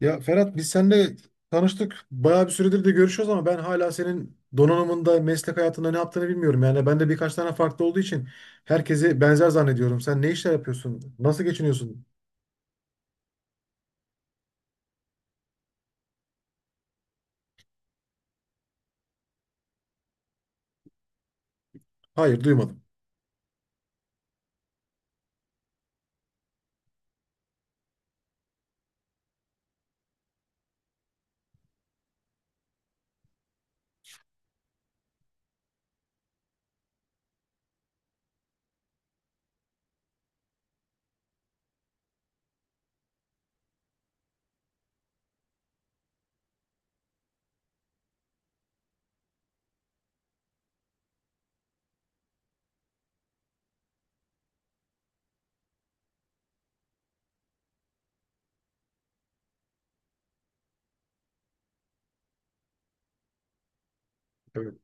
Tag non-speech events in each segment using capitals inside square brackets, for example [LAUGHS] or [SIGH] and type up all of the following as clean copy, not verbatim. Ya Ferhat biz seninle tanıştık. Bayağı bir süredir de görüşüyoruz ama ben hala senin donanımında, meslek hayatında ne yaptığını bilmiyorum. Yani ben de birkaç tane farklı olduğu için herkesi benzer zannediyorum. Sen ne işler yapıyorsun? Nasıl geçiniyorsun? Hayır, duymadım. Evet.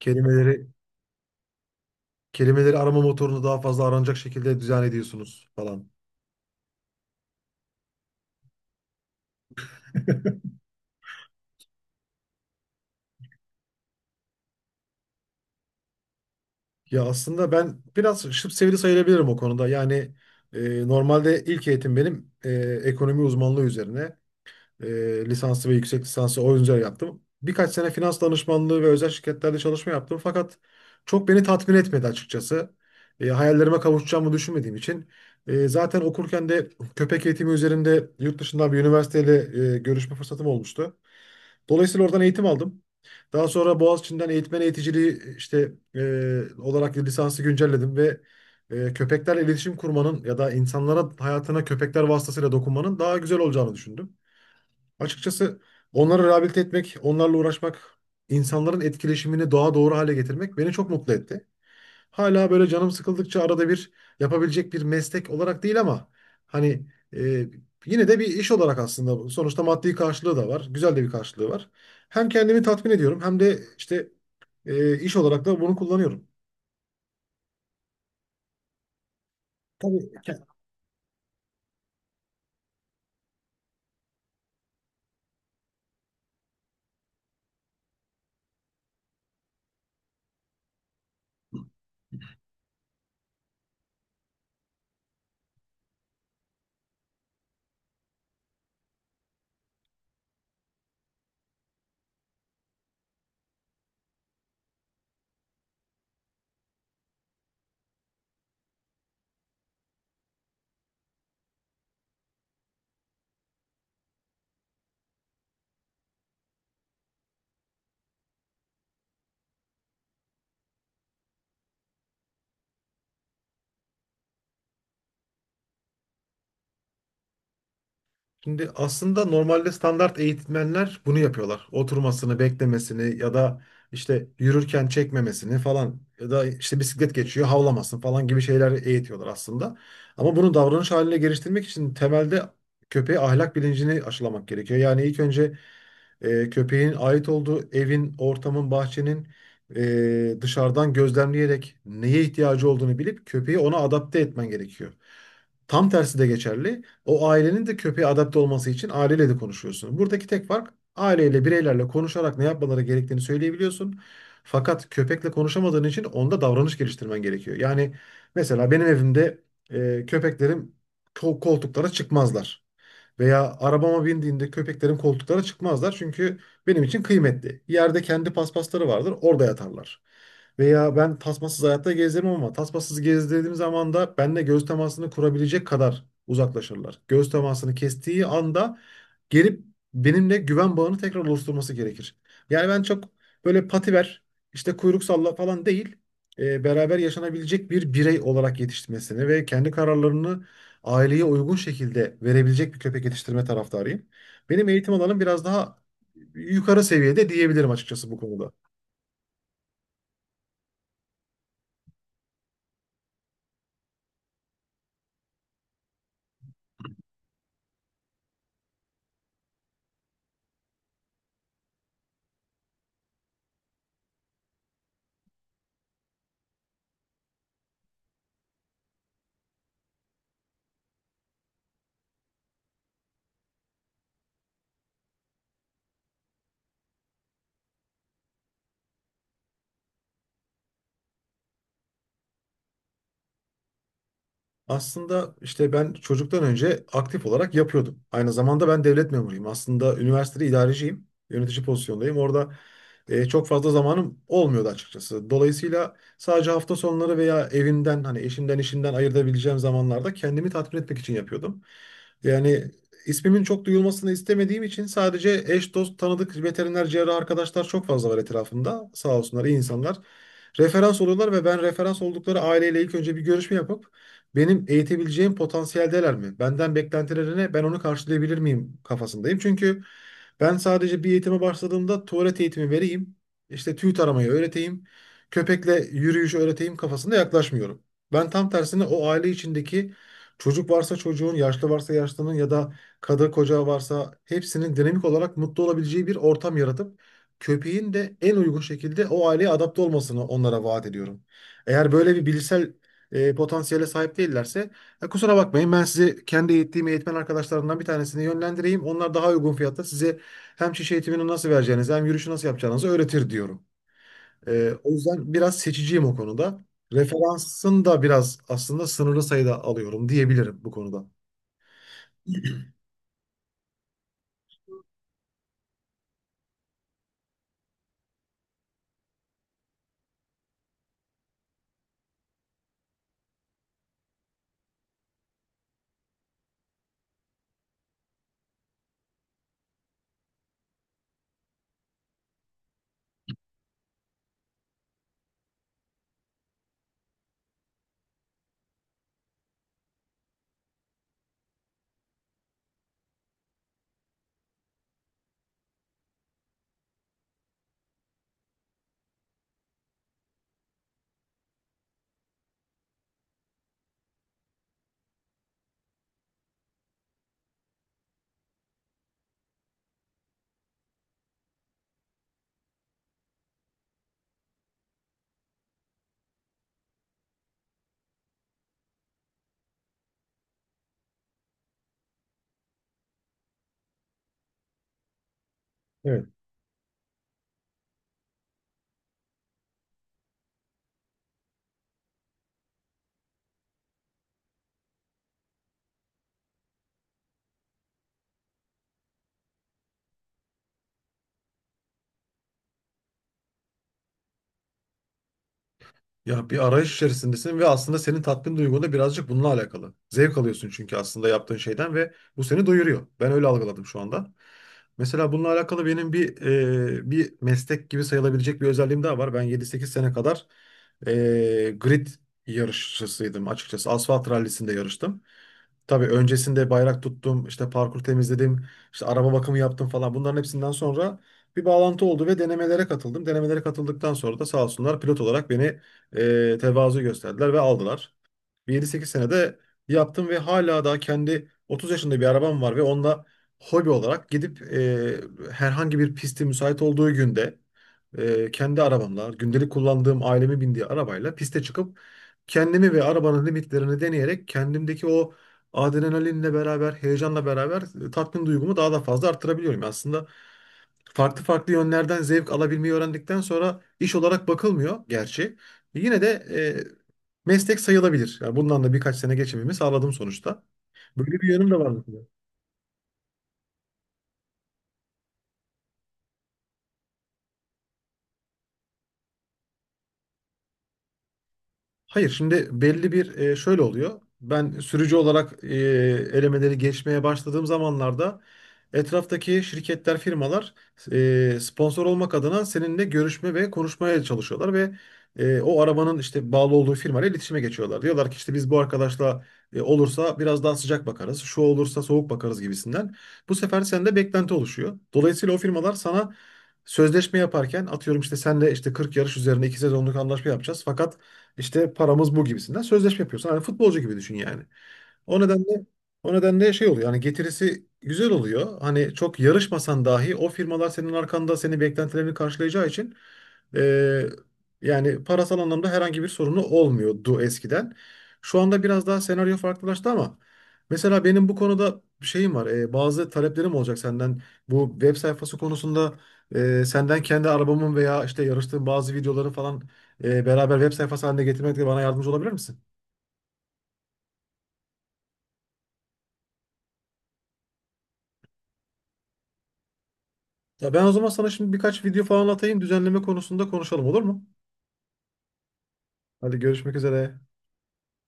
Kelimeleri kelimeleri arama motorunu daha fazla aranacak şekilde düzen ediyorsunuz falan. [LAUGHS] Ya aslında ben biraz şıp sevdi sayılabilirim o konuda. Yani normalde ilk eğitim benim ekonomi uzmanlığı üzerine. E, lisansı ve yüksek lisansı oyuncular yaptım. Birkaç sene finans danışmanlığı ve özel şirketlerde çalışma yaptım. Fakat çok beni tatmin etmedi açıkçası. Hayallerime kavuşacağımı düşünmediğim için. Zaten okurken de köpek eğitimi üzerinde yurt dışından bir üniversiteyle görüşme fırsatım olmuştu. Dolayısıyla oradan eğitim aldım. Daha sonra Boğaziçi'nden eğitmen eğiticiliği işte olarak lisansı güncelledim ve köpeklerle iletişim kurmanın ya da insanlara hayatına köpekler vasıtasıyla dokunmanın daha güzel olacağını düşündüm. Açıkçası onları rehabilite etmek, onlarla uğraşmak, insanların etkileşimini daha doğru hale getirmek beni çok mutlu etti. Hala böyle canım sıkıldıkça arada bir yapabilecek bir meslek olarak değil ama hani e, yine de bir iş olarak aslında bu. Sonuçta maddi karşılığı da var. Güzel de bir karşılığı var. Hem kendimi tatmin ediyorum hem de işte iş olarak da bunu kullanıyorum. Tabii. Şimdi aslında normalde standart eğitmenler bunu yapıyorlar. Oturmasını, beklemesini ya da işte yürürken çekmemesini falan ya da işte bisiklet geçiyor havlamasın falan gibi şeyler eğitiyorlar aslında. Ama bunu davranış haline geliştirmek için temelde köpeğe ahlak bilincini aşılamak gerekiyor. Yani ilk önce köpeğin ait olduğu evin, ortamın, bahçenin dışarıdan gözlemleyerek neye ihtiyacı olduğunu bilip köpeği ona adapte etmen gerekiyor. Tam tersi de geçerli. O ailenin de köpeğe adapte olması için aileyle de konuşuyorsun. Buradaki tek fark aileyle, bireylerle konuşarak ne yapmaları gerektiğini söyleyebiliyorsun. Fakat köpekle konuşamadığın için onda davranış geliştirmen gerekiyor. Yani mesela benim evimde köpeklerim koltuklara çıkmazlar. Veya arabama bindiğimde köpeklerim koltuklara çıkmazlar çünkü benim için kıymetli. Yerde kendi paspasları vardır, orada yatarlar. Veya ben tasmasız hayatta gezerim ama tasmasız gezdirdiğim zaman da benimle göz temasını kurabilecek kadar uzaklaşırlar. Göz temasını kestiği anda gelip benimle güven bağını tekrar oluşturması gerekir. Yani ben çok böyle pativer, işte kuyruk salla falan değil, beraber yaşanabilecek bir birey olarak yetiştirmesini ve kendi kararlarını aileye uygun şekilde verebilecek bir köpek yetiştirme taraftarıyım. Benim eğitim alanım biraz daha yukarı seviyede diyebilirim açıkçası bu konuda. Aslında işte ben çocuktan önce aktif olarak yapıyordum. Aynı zamanda ben devlet memuruyum. Aslında üniversitede idareciyim. Yönetici pozisyondayım. Orada çok fazla zamanım olmuyordu açıkçası. Dolayısıyla sadece hafta sonları veya evimden hani eşimden işimden ayırabileceğim zamanlarda kendimi tatmin etmek için yapıyordum. Yani ismimin çok duyulmasını istemediğim için sadece eş, dost, tanıdık, veteriner, cerrah arkadaşlar çok fazla var etrafımda. Sağ olsunlar iyi insanlar. Referans oluyorlar ve ben referans oldukları aileyle ilk önce bir görüşme yapıp benim eğitebileceğim potansiyeldeler mi? Benden beklentileri ne? Ben onu karşılayabilir miyim kafasındayım. Çünkü ben sadece bir eğitime başladığımda tuvalet eğitimi vereyim, işte tüy taramayı öğreteyim, köpekle yürüyüş öğreteyim kafasında yaklaşmıyorum. Ben tam tersine o aile içindeki çocuk varsa çocuğun, yaşlı varsa yaşlının ya da kadın koca varsa hepsinin dinamik olarak mutlu olabileceği bir ortam yaratıp köpeğin de en uygun şekilde o aileye adapte olmasını onlara vaat ediyorum. Eğer böyle bir bilişsel potansiyele sahip değillerse kusura bakmayın ben sizi kendi eğittiğim eğitmen arkadaşlarımdan bir tanesine yönlendireyim. Onlar daha uygun fiyatta size hem şiş eğitimini nasıl vereceğinizi hem yürüyüşü nasıl yapacağınızı öğretir diyorum. O yüzden biraz seçiciyim o konuda. Referansın da biraz aslında sınırlı sayıda alıyorum diyebilirim bu konuda. [CLEARS THROAT] Evet. Ya bir arayış içerisindesin ve aslında senin tatmin duygun da birazcık bununla alakalı. Zevk alıyorsun çünkü aslında yaptığın şeyden ve bu seni doyuruyor. Ben öyle algıladım şu anda. Mesela bununla alakalı benim bir meslek gibi sayılabilecek bir özelliğim daha var. Ben 7-8 sene kadar grid yarışçısıydım açıkçası. Asfalt rallisinde yarıştım. Tabii öncesinde bayrak tuttum, işte parkur temizledim, işte araba bakımı yaptım falan. Bunların hepsinden sonra bir bağlantı oldu ve denemelere katıldım. Denemelere katıldıktan sonra da sağ olsunlar pilot olarak beni tevazu gösterdiler ve aldılar. Bir 7-8 senede yaptım ve hala daha kendi 30 yaşında bir arabam var ve onunla hobi olarak gidip herhangi bir pisti müsait olduğu günde kendi arabamla, gündelik kullandığım ailemin bindiği arabayla piste çıkıp kendimi ve arabanın limitlerini deneyerek kendimdeki o adrenalinle beraber, heyecanla beraber tatmin duygumu daha da fazla arttırabiliyorum. Aslında farklı farklı yönlerden zevk alabilmeyi öğrendikten sonra iş olarak bakılmıyor gerçi. Yine de meslek sayılabilir. Yani bundan da birkaç sene geçimimi sağladım sonuçta. Böyle bir yönüm de var. Hayır, şimdi belli bir şöyle oluyor. Ben sürücü olarak elemeleri geçmeye başladığım zamanlarda etraftaki şirketler, firmalar sponsor olmak adına seninle görüşme ve konuşmaya çalışıyorlar ve o arabanın işte bağlı olduğu firmayla iletişime geçiyorlar. Diyorlar ki işte biz bu arkadaşla olursa biraz daha sıcak bakarız, şu olursa soğuk bakarız gibisinden. Bu sefer sende beklenti oluşuyor. Dolayısıyla o firmalar sana sözleşme yaparken atıyorum işte senle işte 40 yarış üzerine 2 sezonluk anlaşma yapacağız. Fakat işte paramız bu gibisinden sözleşme yapıyorsun. Hani futbolcu gibi düşün yani. O nedenle o nedenle şey oluyor. Hani getirisi güzel oluyor. Hani çok yarışmasan dahi o firmalar senin arkanda senin beklentilerini karşılayacağı için eee, yani parasal anlamda herhangi bir sorunu olmuyordu eskiden. Şu anda biraz daha senaryo farklılaştı ama mesela benim bu konuda bir şeyim var. Bazı taleplerim olacak senden. Bu web sayfası konusunda senden kendi arabamın veya işte yarıştığım bazı videoların falan beraber web sayfası haline getirmekte bana yardımcı olabilir misin? Ya ben o zaman sana şimdi birkaç video falan atayım düzenleme konusunda konuşalım olur mu? Hadi görüşmek üzere.